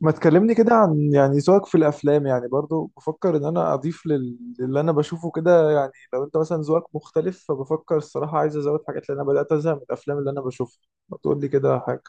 ما تكلمني كده عن يعني ذوقك في الافلام، يعني برضو بفكر ان انا اضيف للي انا بشوفه كده. يعني لو انت مثلا ذوقك مختلف فبفكر الصراحه عايز ازود حاجات، لان انا بدات ازهق من الافلام اللي انا بشوفها. ما تقول لي كده حاجه.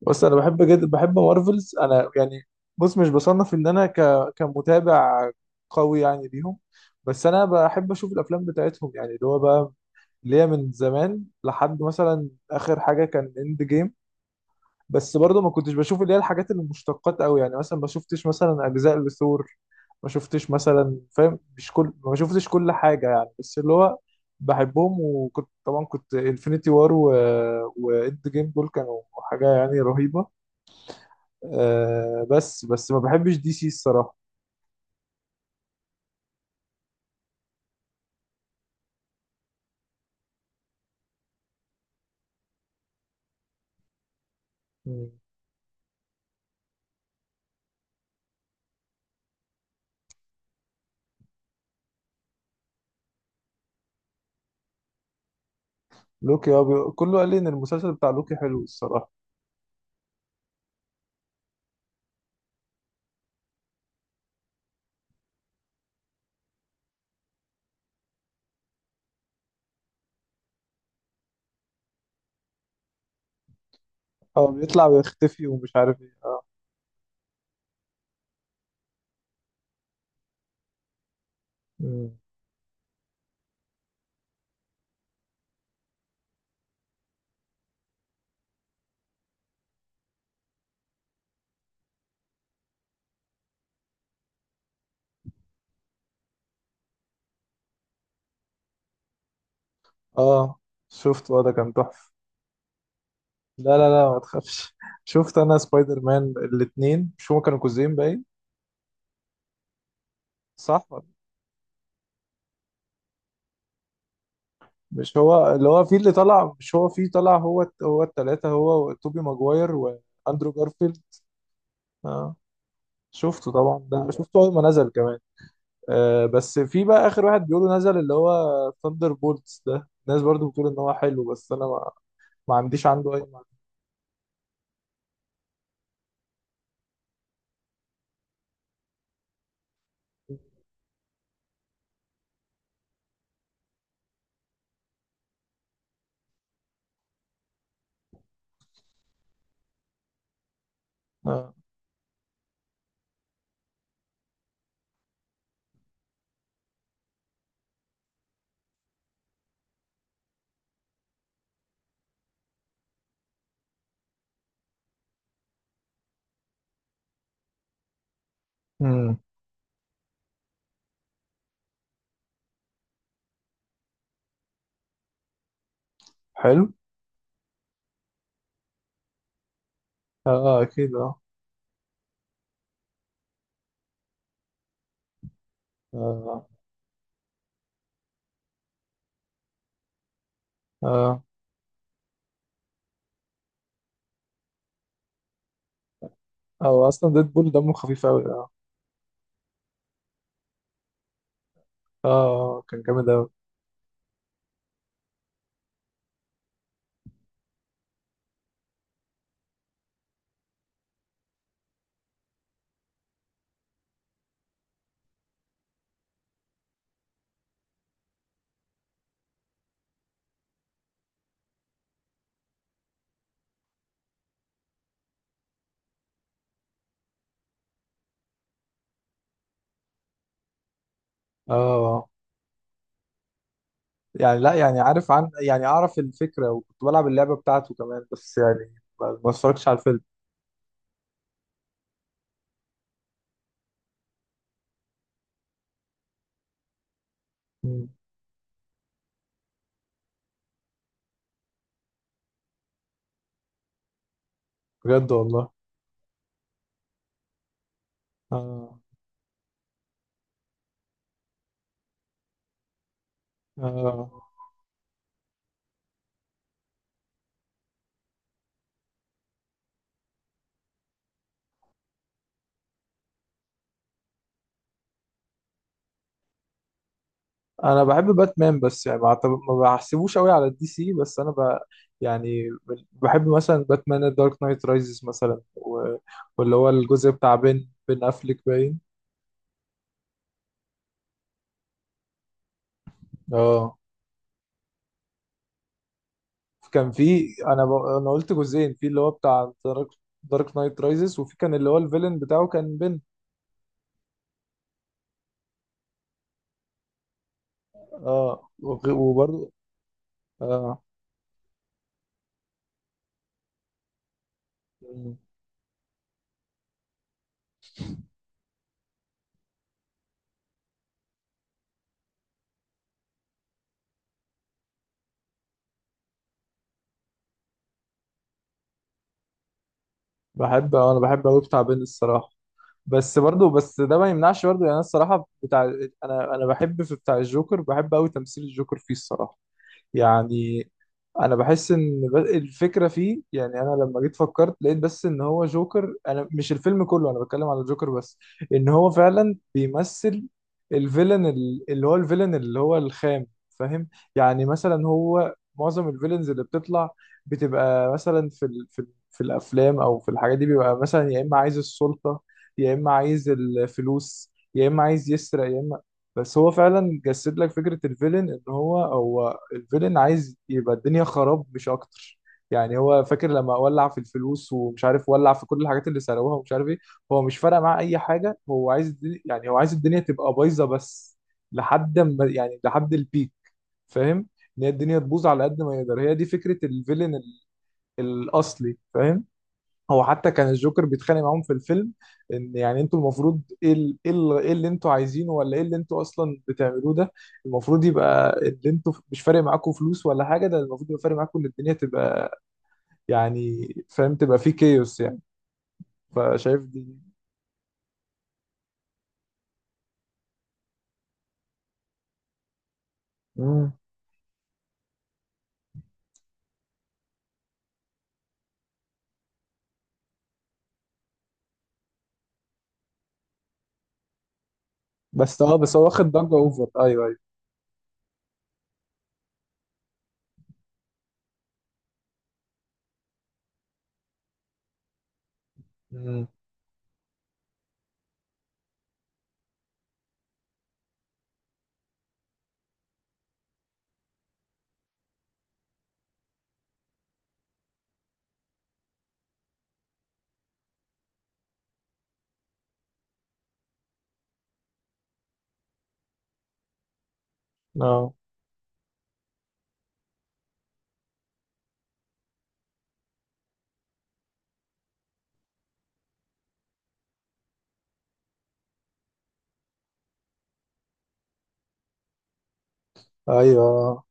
بس انا بحب جدا، بحب مارفلز انا يعني. بص، مش بصنف ان انا كمتابع قوي يعني ليهم. بس انا بحب اشوف الافلام بتاعتهم، يعني اللي هو بقى اللي هي من زمان لحد مثلا اخر حاجه كان اند جيم. بس برضه ما كنتش بشوف اللي هي الحاجات المشتقات قوي، يعني مثلا ما شفتش مثلا اجزاء لثور. ما شفتش مثلا، فاهم؟ مش كل، ما شفتش كل حاجه يعني، بس اللي هو بحبهم. وكنت طبعا كنت انفينيتي وار واند جيم دول كانوا حاجه يعني رهيبه. آه، بس ما بحبش دي سي الصراحه. مم. لوكي هو كله قال لي ان المسلسل بتاع لوكي حلو الصراحه. اه، بيطلع ويختفي ومش عارف ايه، اه. مم. اه شفت، اه ده كان تحفه. لا لا لا، ما تخافش شفت انا سبايدر مان الاثنين مش هما كانوا جزئين باين. صح. مش هو اللي هو فيه اللي طلع، مش هو فيه طلع هو الثلاثه، هو توبي ماجواير واندرو جارفيلد. اه شفته طبعا، ده شفته اول ما نزل كمان. آه، بس في بقى اخر واحد بيقولوا نزل اللي هو ثاندر بولتس ده، الناس برضو بتقول ان هو حلو، بس انا ما عنديش عنده اي معلومه. آه. امم. حلو. اه، آه، اكيد اه. اه، اه، هو اصلا ديدبول دمه خفيف قوي. اه كان جامد اوي. اه يعني لا، يعني عارف عن يعني اعرف الفكره وكنت بلعب اللعبه بتاعته كمان، بس يعني ما اتفرجتش على الفيلم. مم. بجد والله؟ اه، اه. انا بحب باتمان، بس يعني ما بحسبوش قوي على الدي سي، بس انا يعني بحب مثلا باتمان دارك نايت رايزز مثلا واللي هو الجزء بتاع بين افليك باين. اه كان في، انا قلت جزئين في اللي هو بتاع دارك. دارك نايت رايزز، وفي كان اللي هو الفيلن بتاعه كان بن. اه، وبرضه. اه. مم. بحب، انا بحب قوي بتاع بن الصراحه. بس برضه، بس ده ما يمنعش برضه، يعني انا الصراحه بتاع. انا بحب في بتاع الجوكر، بحب قوي تمثيل الجوكر فيه الصراحه. يعني، انا بحس ان الفكره فيه، يعني انا لما جيت فكرت لقيت بس ان هو جوكر، انا مش الفيلم كله، انا بتكلم على جوكر بس. ان هو فعلا بيمثل الفيلن اللي هو الفيلن اللي هو الخام، فاهم؟ يعني مثلا هو معظم الفيلنز اللي بتطلع، بتبقى مثلا في الافلام او في الحاجات دي، بيبقى مثلا يا اما عايز السلطه، يا اما عايز الفلوس، يا اما عايز يسرق، يا اما. بس هو فعلا جسد لك فكره الفيلن، ان هو هو الفيلن عايز يبقى الدنيا خراب مش اكتر. يعني هو فاكر لما ولع في الفلوس ومش عارف، ولع في كل الحاجات اللي سرقوها ومش عارف ايه. هو مش فارق معاه اي حاجه، هو عايز الدنيا، يعني هو عايز الدنيا تبقى بايظه بس. لحد ما، يعني لحد البيك، فاهم؟ ان هي الدنيا تبوظ على قد ما يقدر، هي دي فكره الفيلن الاصلي، فاهم؟ هو حتى كان الجوكر بيتخانق معاهم في الفيلم، ان يعني انتوا المفروض ايه، ايه إيه اللي انتوا عايزينه، ولا ايه اللي انتوا اصلا بتعملوه ده؟ المفروض يبقى اللي انتوا مش فارق معاكم فلوس ولا حاجه، ده المفروض يبقى فارق معاكم ان الدنيا تبقى، يعني فاهم، تبقى في كيوس يعني. فشايف دي. مم. بس اه، بس هو واخد ضجه اوفر، ايوه ايوه. مم. اه ايوه.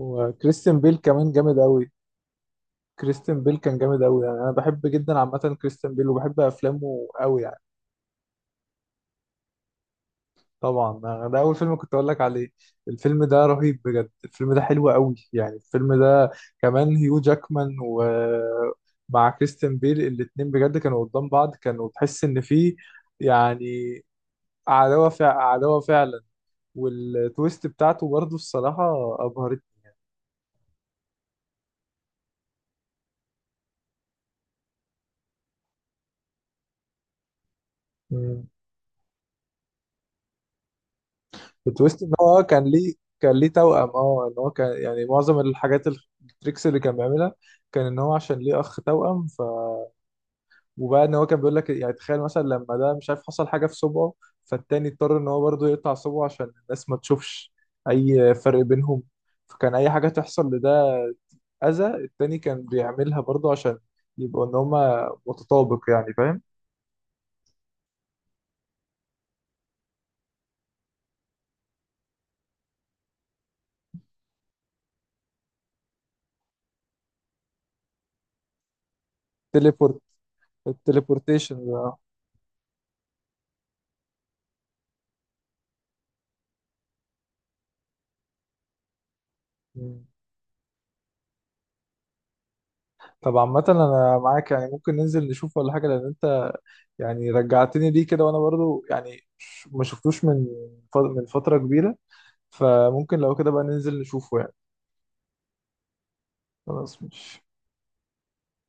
وكريستيان بيل كمان جامد قوي. كريستيان بيل كان جامد قوي، يعني انا بحب جدا عامه كريستيان بيل وبحب افلامه قوي يعني. طبعا ده اول فيلم كنت اقول لك عليه. الفيلم ده رهيب بجد، الفيلم ده حلو قوي يعني الفيلم ده، كمان هيو جاكمان ومع كريستيان بيل الاتنين بجد كانوا قدام بعض، كانوا تحس ان في يعني عداوة فع عداوة فعلا. والتويست بتاعته برضه الصراحة ابهرت. مم. التويست ان هو كان ليه، كان ليه توأم اه، ان هو كان يعني معظم الحاجات التريكس اللي كان بيعملها، كان ان هو عشان ليه اخ توأم. وبقى ان هو كان بيقول لك يعني تخيل مثلا لما ده مش عارف حصل حاجه في صبعه، فالتاني اضطر ان هو برضه يقطع صبعه عشان الناس ما تشوفش اي فرق بينهم. فكان اي حاجه تحصل لده، اذى التاني كان بيعملها برضه عشان يبقوا ان هما متطابق، يعني فاهم. تليبورت. التليبورتيشن ده. مم. طب عامة أنا معاك، يعني ممكن ننزل نشوف ولا حاجة، لأن أنت يعني رجعتني ليه كده، وأنا برضو يعني ما شفتوش من من فترة كبيرة، فممكن لو كده بقى ننزل نشوفه يعني. خلاص ماشي.